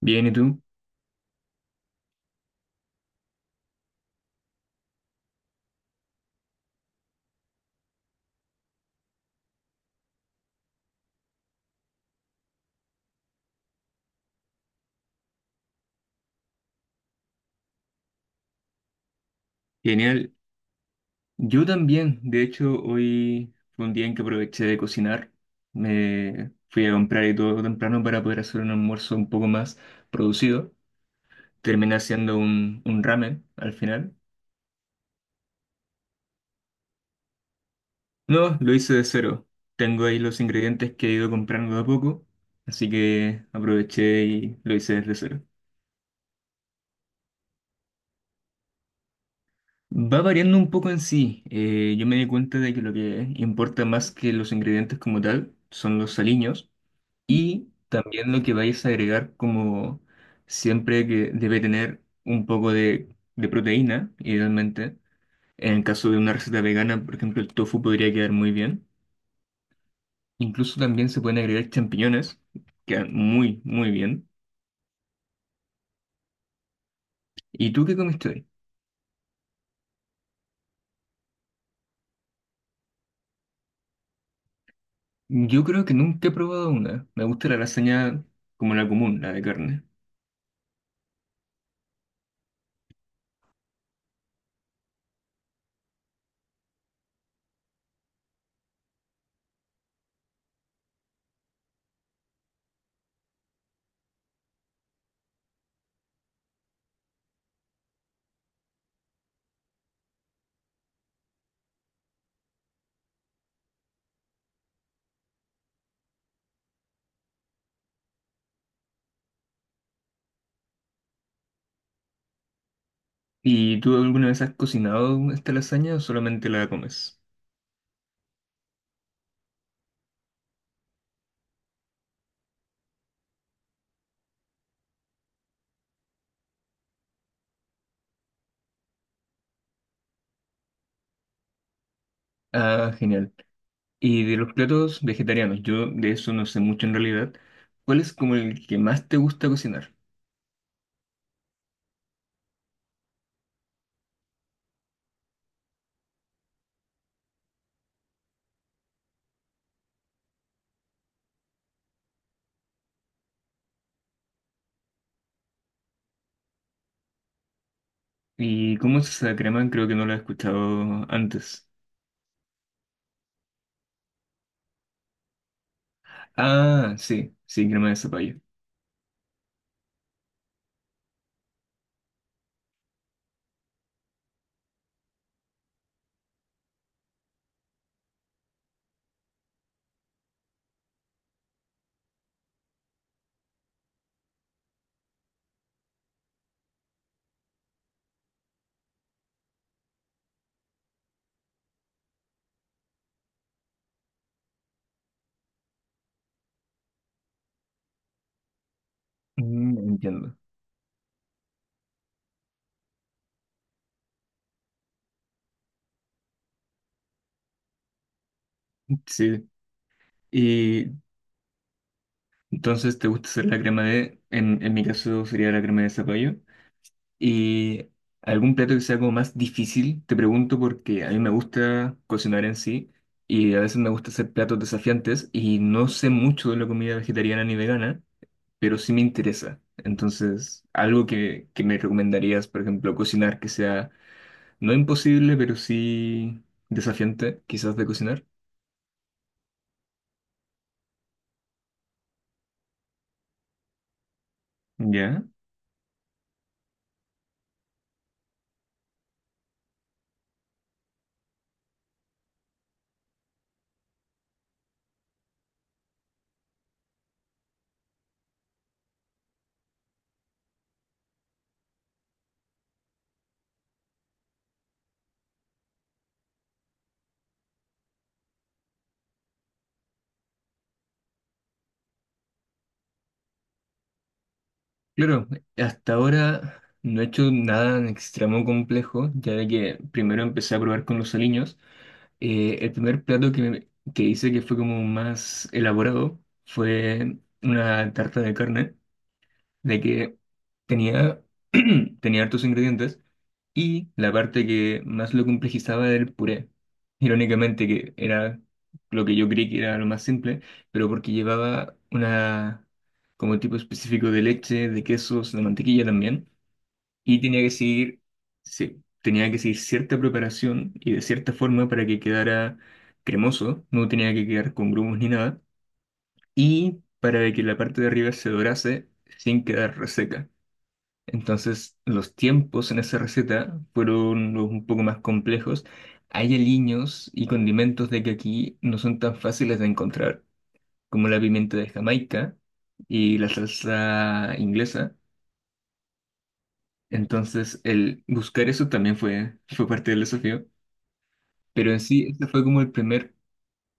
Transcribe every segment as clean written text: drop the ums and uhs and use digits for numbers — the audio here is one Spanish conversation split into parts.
Bien, ¿y tú? Genial. Yo también, de hecho, hoy fue un día en que aproveché de cocinar. Me fui a comprar y todo temprano para poder hacer un almuerzo un poco más producido. Terminé haciendo un ramen al final. No, lo hice de cero. Tengo ahí los ingredientes que he ido comprando de a poco, así que aproveché y lo hice desde cero. Va variando un poco en sí. Yo me di cuenta de que lo que importa más que los ingredientes como tal son los aliños. Y también lo que vais a agregar como siempre que debe tener un poco de proteína, idealmente. En el caso de una receta vegana, por ejemplo, el tofu podría quedar muy bien. Incluso también se pueden agregar champiñones, quedan muy, muy bien. ¿Y tú qué comiste hoy? Yo creo que nunca he probado una. Me gusta la lasaña como la común, la de carne. ¿Y tú alguna vez has cocinado esta lasaña o solamente la comes? Ah, genial. Y de los platos vegetarianos, yo de eso no sé mucho en realidad. ¿Cuál es como el que más te gusta cocinar? ¿Y cómo es esa crema? Creo que no la he escuchado antes. Ah, sí, sí, crema de zapallo. Mm, entiendo. Sí. Y entonces te gusta hacer la crema de, en mi caso sería la crema de zapallo. ¿Y algún plato que sea como más difícil? Te pregunto porque a mí me gusta cocinar en sí y a veces me gusta hacer platos desafiantes y no sé mucho de la comida vegetariana ni vegana, pero sí me interesa. Entonces, algo que me recomendarías, por ejemplo, cocinar que sea no imposible, pero sí desafiante, quizás de cocinar. Ya. Claro, hasta ahora no he hecho nada en extremo complejo, ya de que primero empecé a probar con los aliños. El primer plato que, que hice que fue como más elaborado fue una tarta de carne, de que tenía, tenía hartos ingredientes y la parte que más lo complejizaba era el puré. Irónicamente, que era lo que yo creí que era lo más simple, pero porque llevaba una, como tipo específico de leche, de quesos, de mantequilla también, y tenía que seguir, sí, tenía que seguir cierta preparación y de cierta forma para que quedara cremoso, no tenía que quedar con grumos ni nada, y para que la parte de arriba se dorase sin quedar reseca. Entonces, los tiempos en esa receta fueron los un poco más complejos. Hay aliños y condimentos de que aquí no son tan fáciles de encontrar, como la pimienta de Jamaica y la salsa inglesa. Entonces, el buscar eso también fue, fue parte del desafío. Pero en sí, este fue como el primer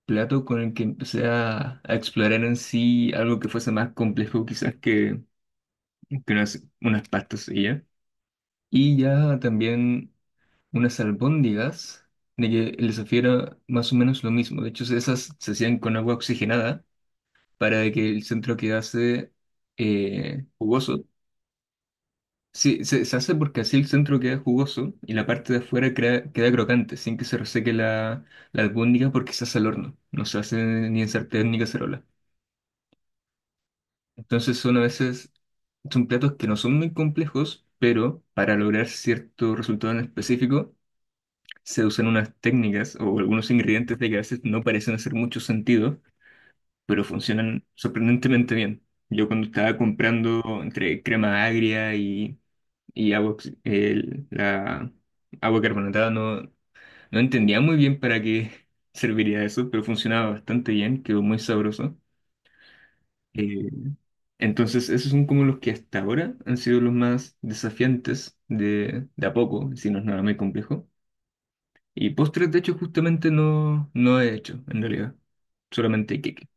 plato con el que empecé a explorar en sí algo que fuese más complejo quizás que unas pastas y ya. Y ya también unas albóndigas de que les supiera más o menos lo mismo. De hecho, esas se hacían con agua oxigenada para que el centro quedase jugoso. Sí, se hace porque así el centro queda jugoso y la parte de afuera queda crocante, sin que se reseque la, la albóndiga porque se hace al horno. No se hace ni en sartén ni cacerola. Entonces son a veces, son platos que no son muy complejos, pero para lograr cierto resultado en específico, se usan unas técnicas o algunos ingredientes de que a veces no parecen hacer mucho sentido, pero funcionan sorprendentemente bien. Yo cuando estaba comprando entre crema agria y agua, la agua carbonatada, no, no entendía muy bien para qué serviría eso, pero funcionaba bastante bien, quedó muy sabroso. Eh, entonces, esos son como los que hasta ahora han sido los más desafiantes de a poco, si no es nada muy complejo. Y postres, de hecho, justamente no, no he hecho, en realidad. Solamente queque.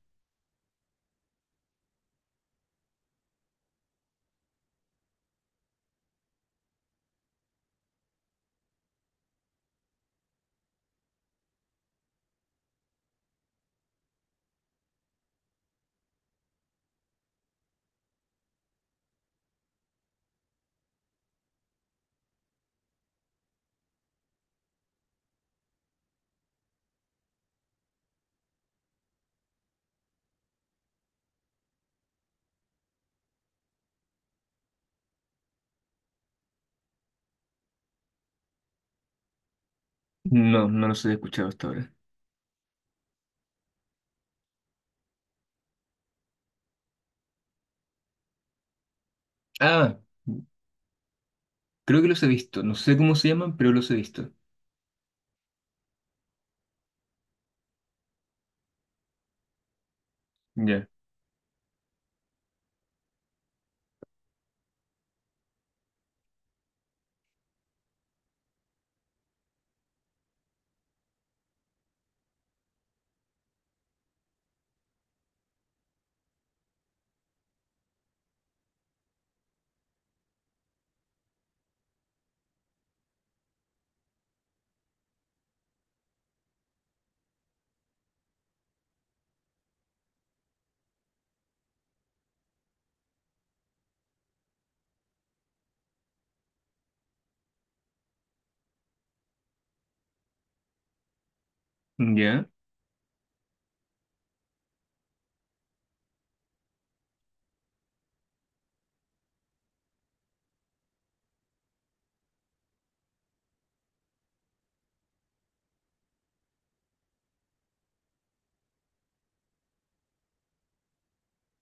No, no los he escuchado hasta ahora. Ah, creo que los he visto. No sé cómo se llaman, pero los he visto. Ya. Ya.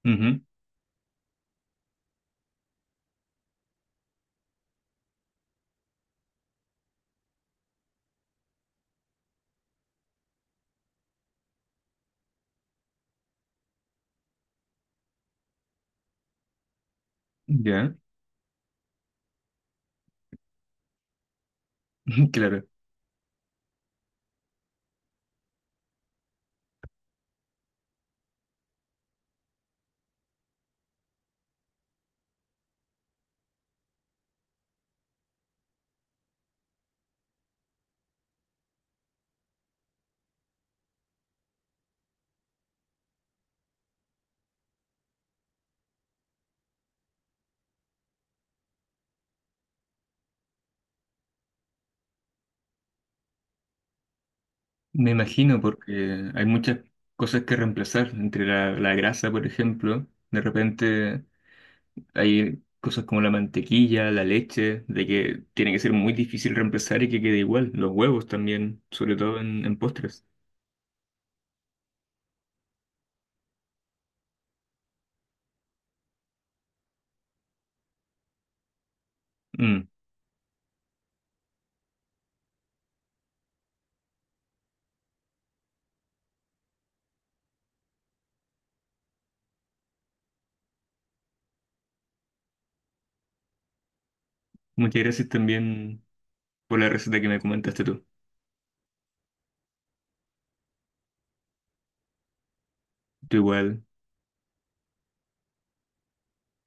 Ujú. Ya. Claro. Me imagino porque hay muchas cosas que reemplazar. Entre la, la grasa, por ejemplo. De repente hay cosas como la mantequilla, la leche, de que tiene que ser muy difícil reemplazar y que quede igual. Los huevos también, sobre todo en postres. Mm. Muchas gracias también por la receta que me comentaste tú. Tú igual,